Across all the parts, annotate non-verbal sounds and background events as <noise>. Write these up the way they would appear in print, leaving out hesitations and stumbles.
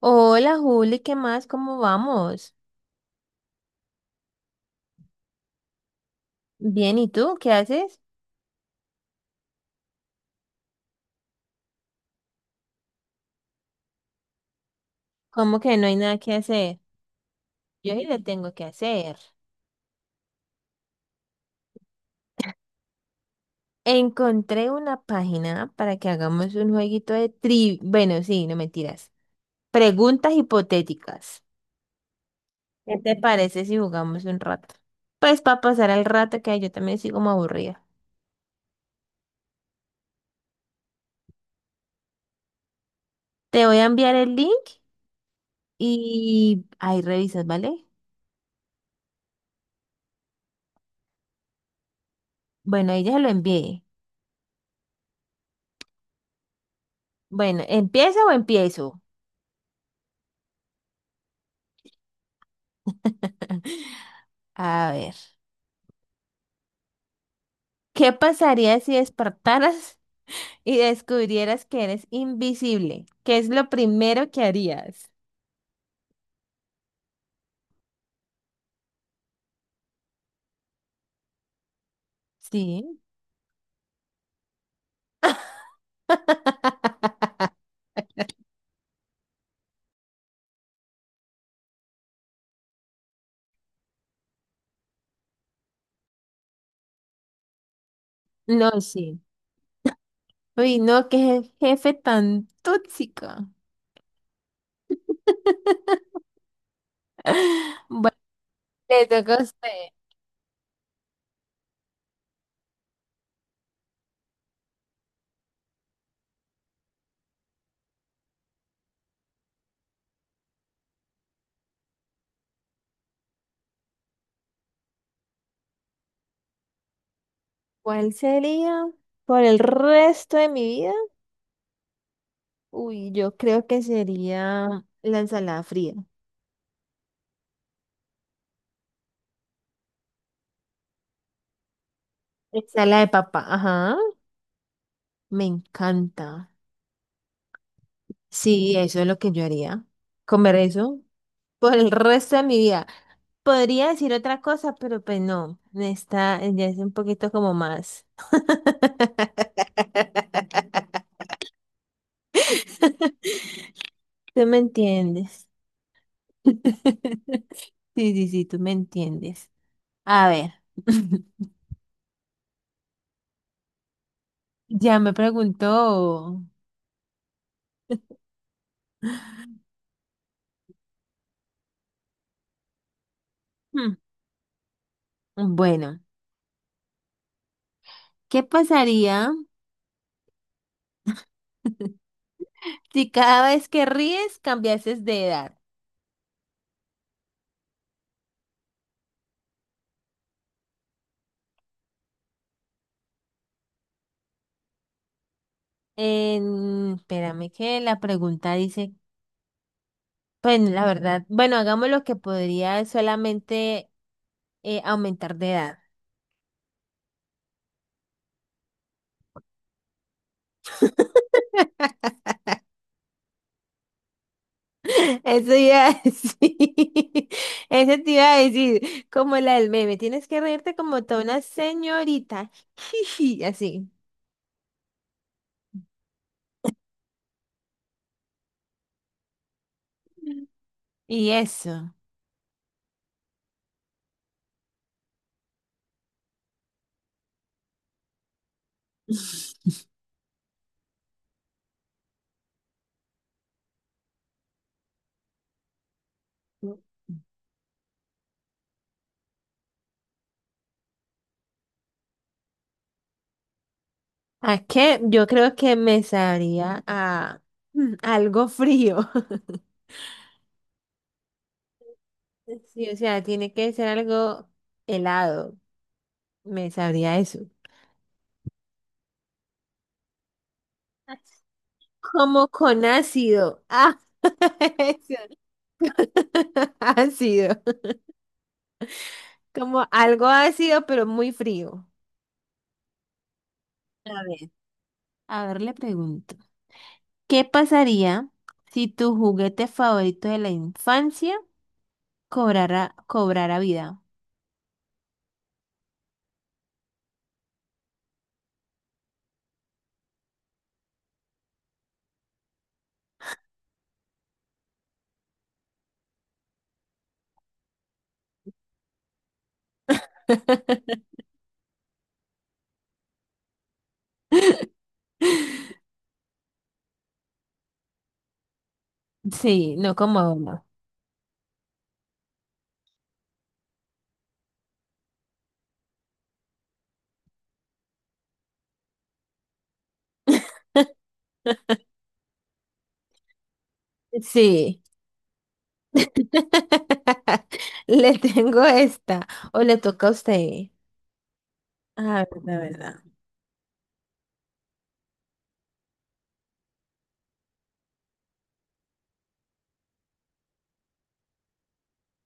Hola Juli, ¿qué más? ¿Cómo vamos? Bien, ¿y tú? ¿Qué haces? ¿Cómo que no hay nada que hacer? Yo sí le tengo que hacer. Encontré una página para que hagamos un jueguito de tri... Bueno, sí, no mentiras. Preguntas hipotéticas. ¿Qué te parece si jugamos un rato? Pues para pasar el rato que yo también estoy como aburrida. Te voy a enviar el link y ahí revisas, ¿vale? Bueno, ahí ya se lo envié. Bueno, ¿empieza o empiezo? <laughs> A ver. ¿Qué pasaría si despertaras <laughs> y descubrieras que eres invisible? ¿Qué es lo primero que harías? Sí. <laughs> No, sí. Uy, no, qué jefe tan tóxico. <laughs> Bueno, le toca a usted. ¿Cuál sería por el resto de mi vida? Uy, yo creo que sería la ensalada fría. Ensalada de papa, ajá. Me encanta. Sí, eso es lo que yo haría. Comer eso por el resto de mi vida. Podría decir otra cosa, pero pues no, está, ya es un poquito como más. ¿Tú me entiendes? <laughs> Sí, sí, sí, tú me entiendes. A ver, <laughs> ya me preguntó. Hmm, Bueno, ¿qué pasaría <laughs> si cada vez que ríes cambiases de edad? Espérame que la pregunta dice, bueno, la verdad, bueno, hagamos lo que podría solamente aumentar de edad. Eso iba a decir. <laughs> Eso te iba a decir. Como la del meme. Tienes que reírte como toda una señorita. <laughs> Así. Y eso. <laughs> ¿A qué? Yo creo que me sabría a algo frío. <laughs> Sí, o sea, tiene que ser algo helado. Me sabría eso. <laughs> Como con ácido. Ah, <laughs> eso. <laughs> Ácido. Como algo ácido, pero muy frío. A ver, a ver, le pregunto, ¿qué pasaría si tu juguete favorito de la infancia cobrara vida? <laughs> Sí, no como uno. Sí. <laughs> Le tengo esta. O le toca a usted. A ver, la verdad.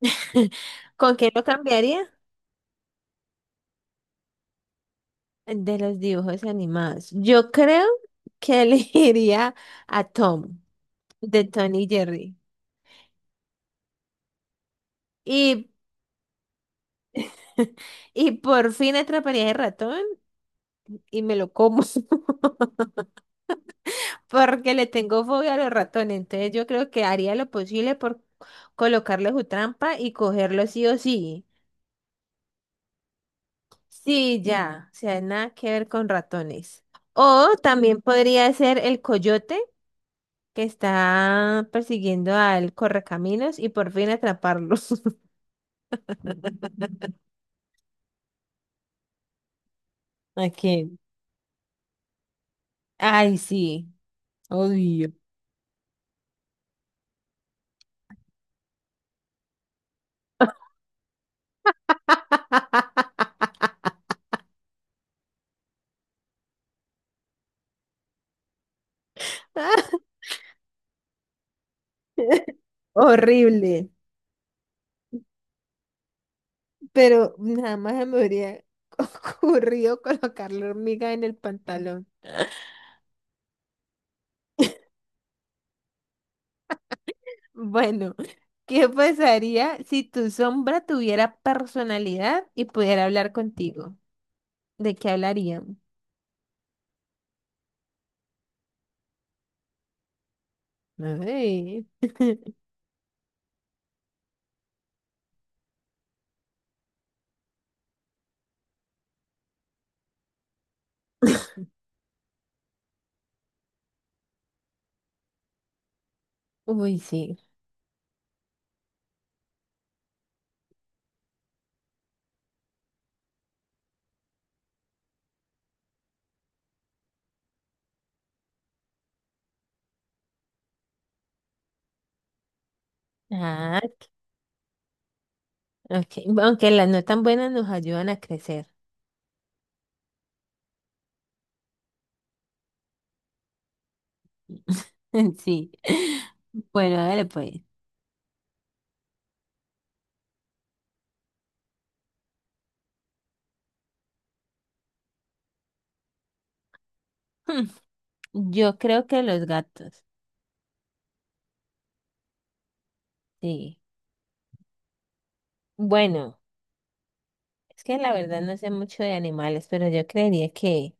<laughs> ¿Con qué lo cambiaría? De los dibujos animados. Yo creo que <laughs> elegiría a Tom, de Tony Jerry. Y, <laughs> y por fin atraparía el ratón y me lo como, <laughs> porque le tengo fobia a los ratones. Entonces yo creo que haría lo posible por colocarle su trampa y cogerlo sí o sí. Sí, ya, o sea, nada que ver con ratones. O también podría ser el coyote que está persiguiendo al correcaminos y por fin atraparlos. <laughs> Aquí. Ay, sí, odio. <laughs> Horrible, pero nada más se me habría <laughs> ocurrido colocar la hormiga en el pantalón. Bueno, ¿qué pasaría si tu sombra tuviera personalidad y pudiera hablar contigo? ¿De qué hablarían? Ay. <laughs> Uy, sí. Ah, ok. Aunque las no tan buenas nos ayudan a crecer. <laughs> Sí. Bueno, a ver, pues. <laughs> Yo creo que los gatos. Sí. Bueno. Es que la verdad no sé mucho de animales, pero yo creería que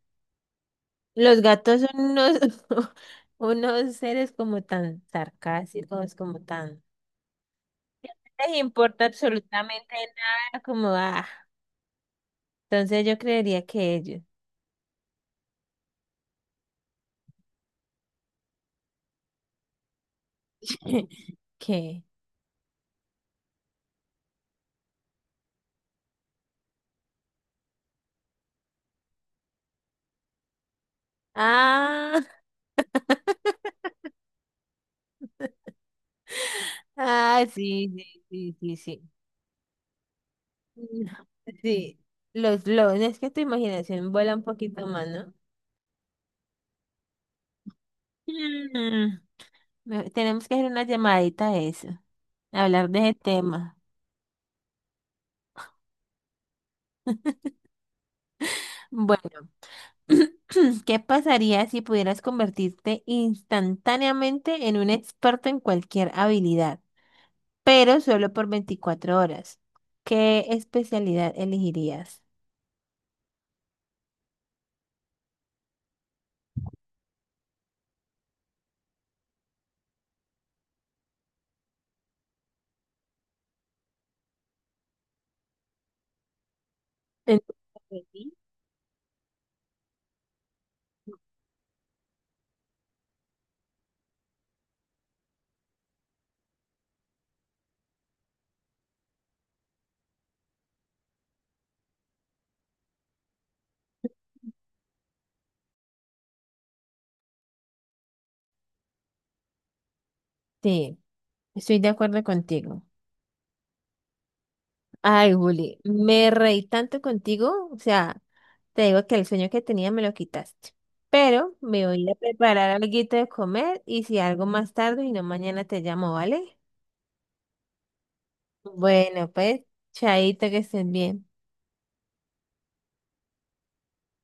los gatos son unos, <laughs> unos seres como tan sarcásticos, como tan... No les importa absolutamente nada, como, ah, entonces yo creería que ellos, <laughs> que, ah, <laughs> ah, sí, sí, sí, sí, sí. <laughs> Mm, sí, los lobos, es que tu imaginación vuela un poquito más, ¿no? Mm, me- tenemos que hacer una llamadita a eso, hablar de ese tema. Bueno, <clears throat> ¿qué pasaría si pudieras convertirte instantáneamente en un experto en cualquier habilidad, pero solo por 24 horas? ¿Qué especialidad elegirías? Entonces, sí. Sí, estoy de acuerdo contigo. Ay, Juli, me reí tanto contigo, o sea, te digo que el sueño que tenía me lo quitaste. Pero me voy a preparar algo de comer y si algo más tarde y no mañana te llamo, ¿vale? Bueno, pues, chaito, que estén bien.